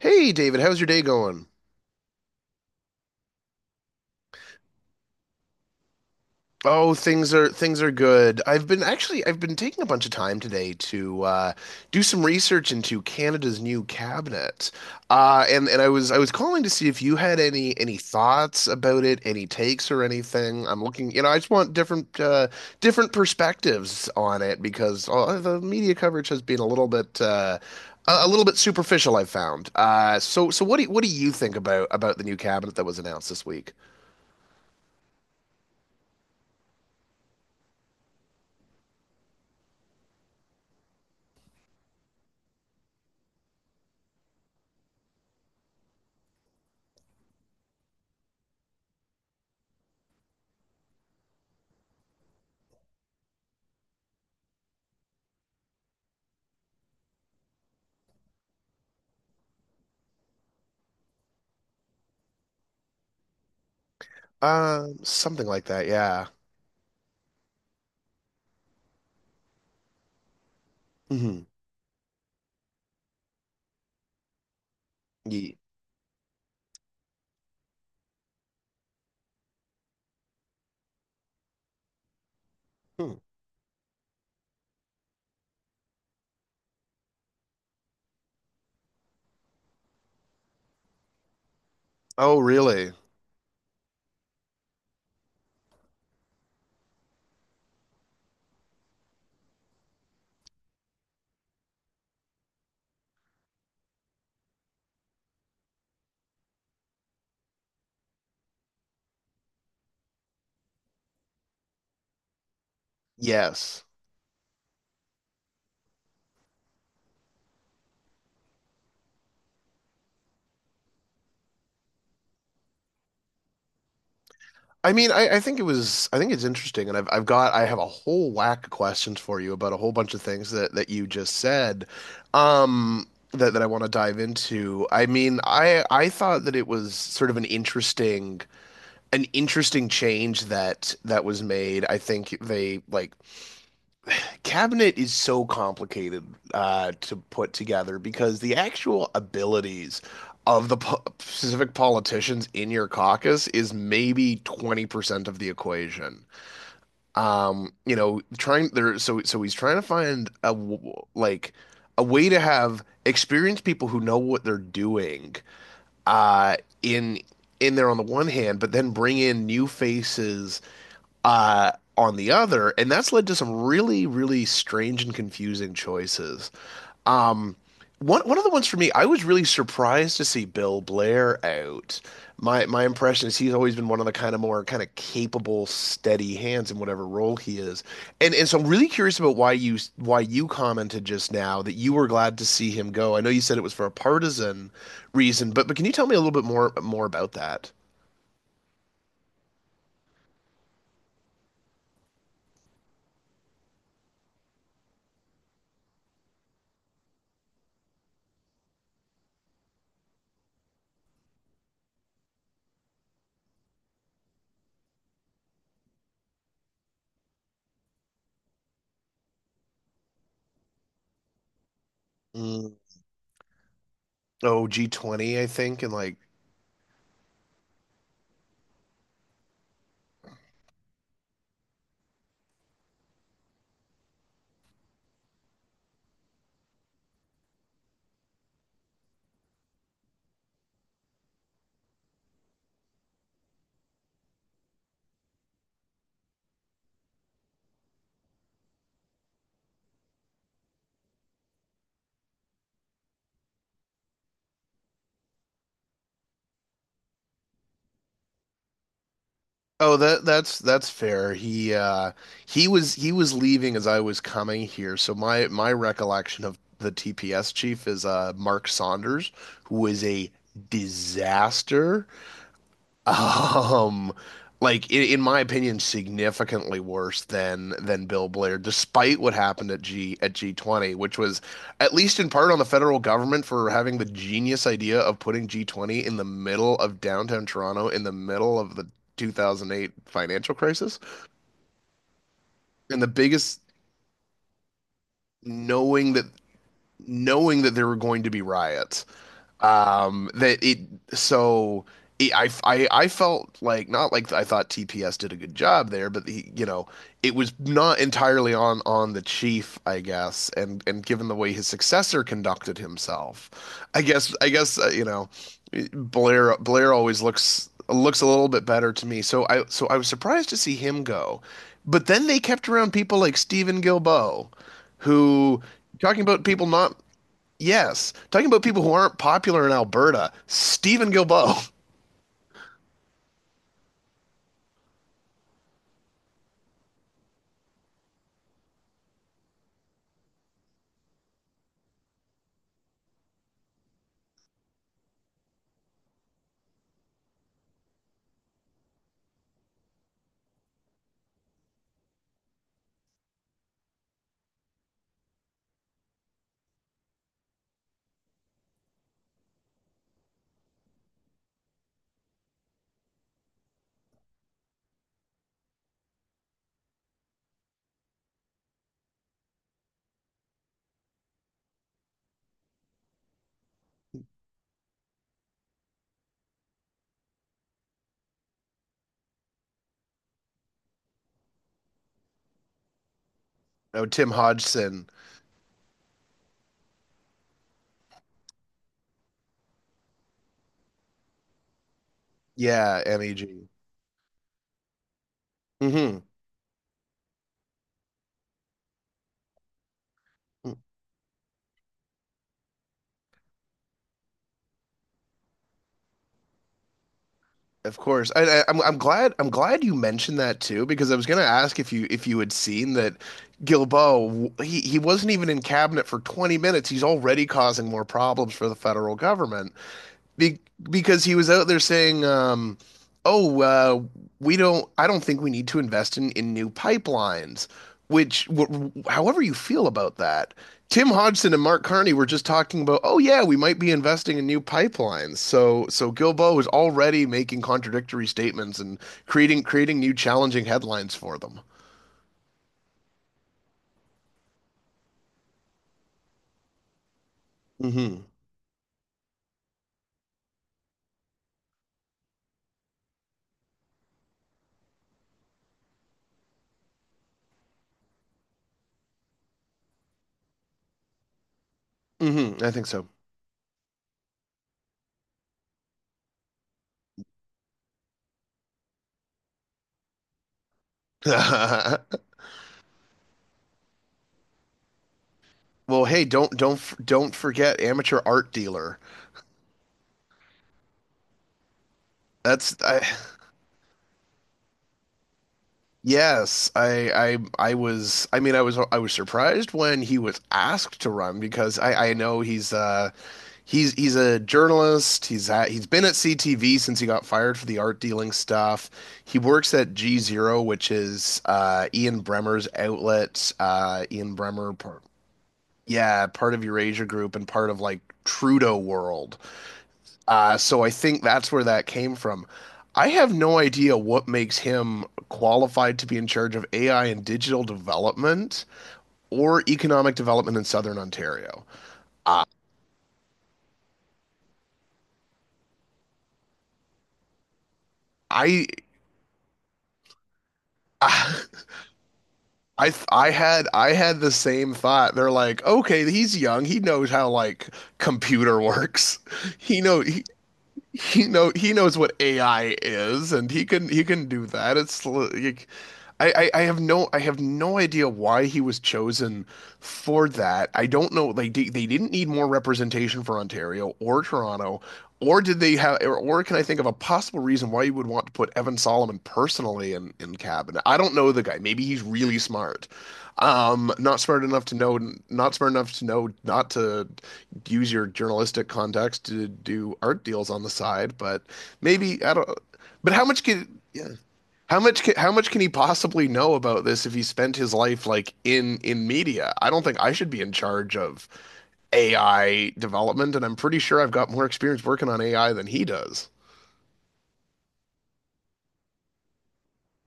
Hey David, how's your day going? Oh, things are good. I've been taking a bunch of time today to do some research into Canada's new cabinet, and I was calling to see if you had any thoughts about it, any takes or anything. I'm looking, you know, I just want different different perspectives on it because the media coverage has been a little bit a little bit superficial, I've found. So what do you think about the new cabinet that was announced this week? Something like that, yeah. Hmm. Ye. Hmm. Oh, really? Yes. I mean, I think it was I think it's interesting, and I have a whole whack of questions for you about a whole bunch of things that you just said, that I want to dive into. I mean, I thought that it was sort of an interesting change that was made. I think they, like, cabinet is so complicated to put together because the actual abilities of the specific politicians in your caucus is maybe 20% of the equation. You know, trying there so he's trying to find a like a way to have experienced people who know what they're doing uh in in there on the one hand, but then bring in new faces uh, on the other, and that's led to some really, really strange and confusing choices. Um, one of the ones for me, I was really surprised to see Bill Blair out. My impression is he's always been one of the kind of more kind of capable, steady hands in whatever role he is. And so I'm really curious about why you commented just now that you were glad to see him go. I know you said it was for a partisan reason, but can you tell me a little bit more about that? Mm. Oh, G20, I think, and like. Oh, that's fair. He was leaving as I was coming here. So my recollection of the TPS chief is Mark Saunders, who was a disaster. Um, like in my opinion, significantly worse than Bill Blair, despite what happened at G at G20, which was at least in part on the federal government for having the genius idea of putting G20 in the middle of downtown Toronto, in the middle of the 2008 financial crisis, and the biggest knowing that knowing that there were going to be riots. That it so it, I felt like not like I thought TPS did a good job there, but he, you know, it was not entirely on the chief, I guess, and given the way his successor conducted himself, I guess you know, Blair always looks a little bit better to me. So I was surprised to see him go, but then they kept around people like Stephen Gilboa, who talking about people not. Yes. Talking about people who aren't popular in Alberta, Stephen Guilbeault. Oh, Tim Hodgson. Yeah, MEG. Hmm. Of course. I'm glad you mentioned that too because I was going to ask if you had seen that. Guilbeault he wasn't even in cabinet for 20 minutes. He's already causing more problems for the federal government. Be because he was out there saying, "Oh, we don't. I don't think we need to invest in new pipelines." Which, w however you feel about that, Tim Hodgson and Mark Carney were just talking about, "Oh yeah, we might be investing in new pipelines." Gilbo is already making contradictory statements and creating new challenging headlines for them. Hmm. Hmm. I think so. Well, hey, don't forget amateur art dealer. That's I. Yes, I, I was. I mean, I was. I was surprised when he was asked to run because I know he's, he's a journalist. He's been at CTV since he got fired for the art dealing stuff. He works at G Zero, which is Ian Bremmer's outlet. Yeah, part of Eurasia Group and part of like Trudeau World. So I think that's where that came from. I have no idea what makes him qualified to be in charge of AI and digital development or economic development in Southern Ontario. Uh, I, I, I had the same thought. They're like, okay, he's young. He knows how, like, computer works. He know he knows what AI is, and he can do that. It's like, I have no idea why he was chosen for that. I don't know. Like they didn't need more representation for Ontario or Toronto, or did they have? Or can I think of a possible reason why you would want to put Evan Solomon personally in cabinet? I don't know the guy. Maybe he's really smart. Not smart enough to know. Not smart enough to know not to use your journalistic contacts to do art deals on the side, but maybe I don't. But how much can yeah, how much can he possibly know about this if he spent his life like in media? I don't think I should be in charge of AI development, and I'm pretty sure I've got more experience working on AI than he does.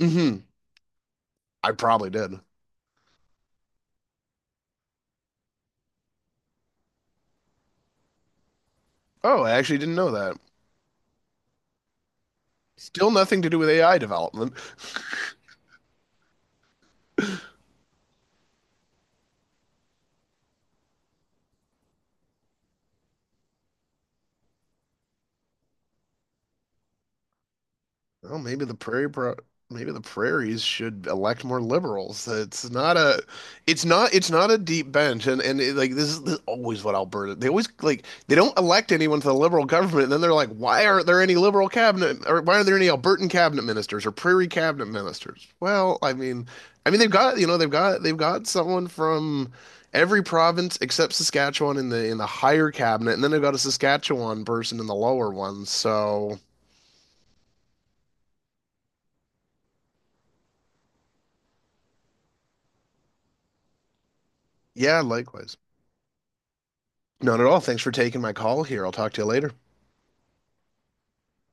Mm-hmm. I probably did. Oh, I actually didn't know that. Still nothing to do with AI development. Well, maybe the prairie pro maybe the prairies should elect more liberals. It's not a deep bench and it, like this is always what Alberta they always like they don't elect anyone to the liberal government and then they're like why aren't there any liberal cabinet or why aren't there any Albertan cabinet ministers or prairie cabinet ministers? Well, I mean they've got someone from every province except Saskatchewan in the higher cabinet and then they've got a Saskatchewan person in the lower one. So, yeah, likewise. Not at all. Thanks for taking my call here. I'll talk to you later.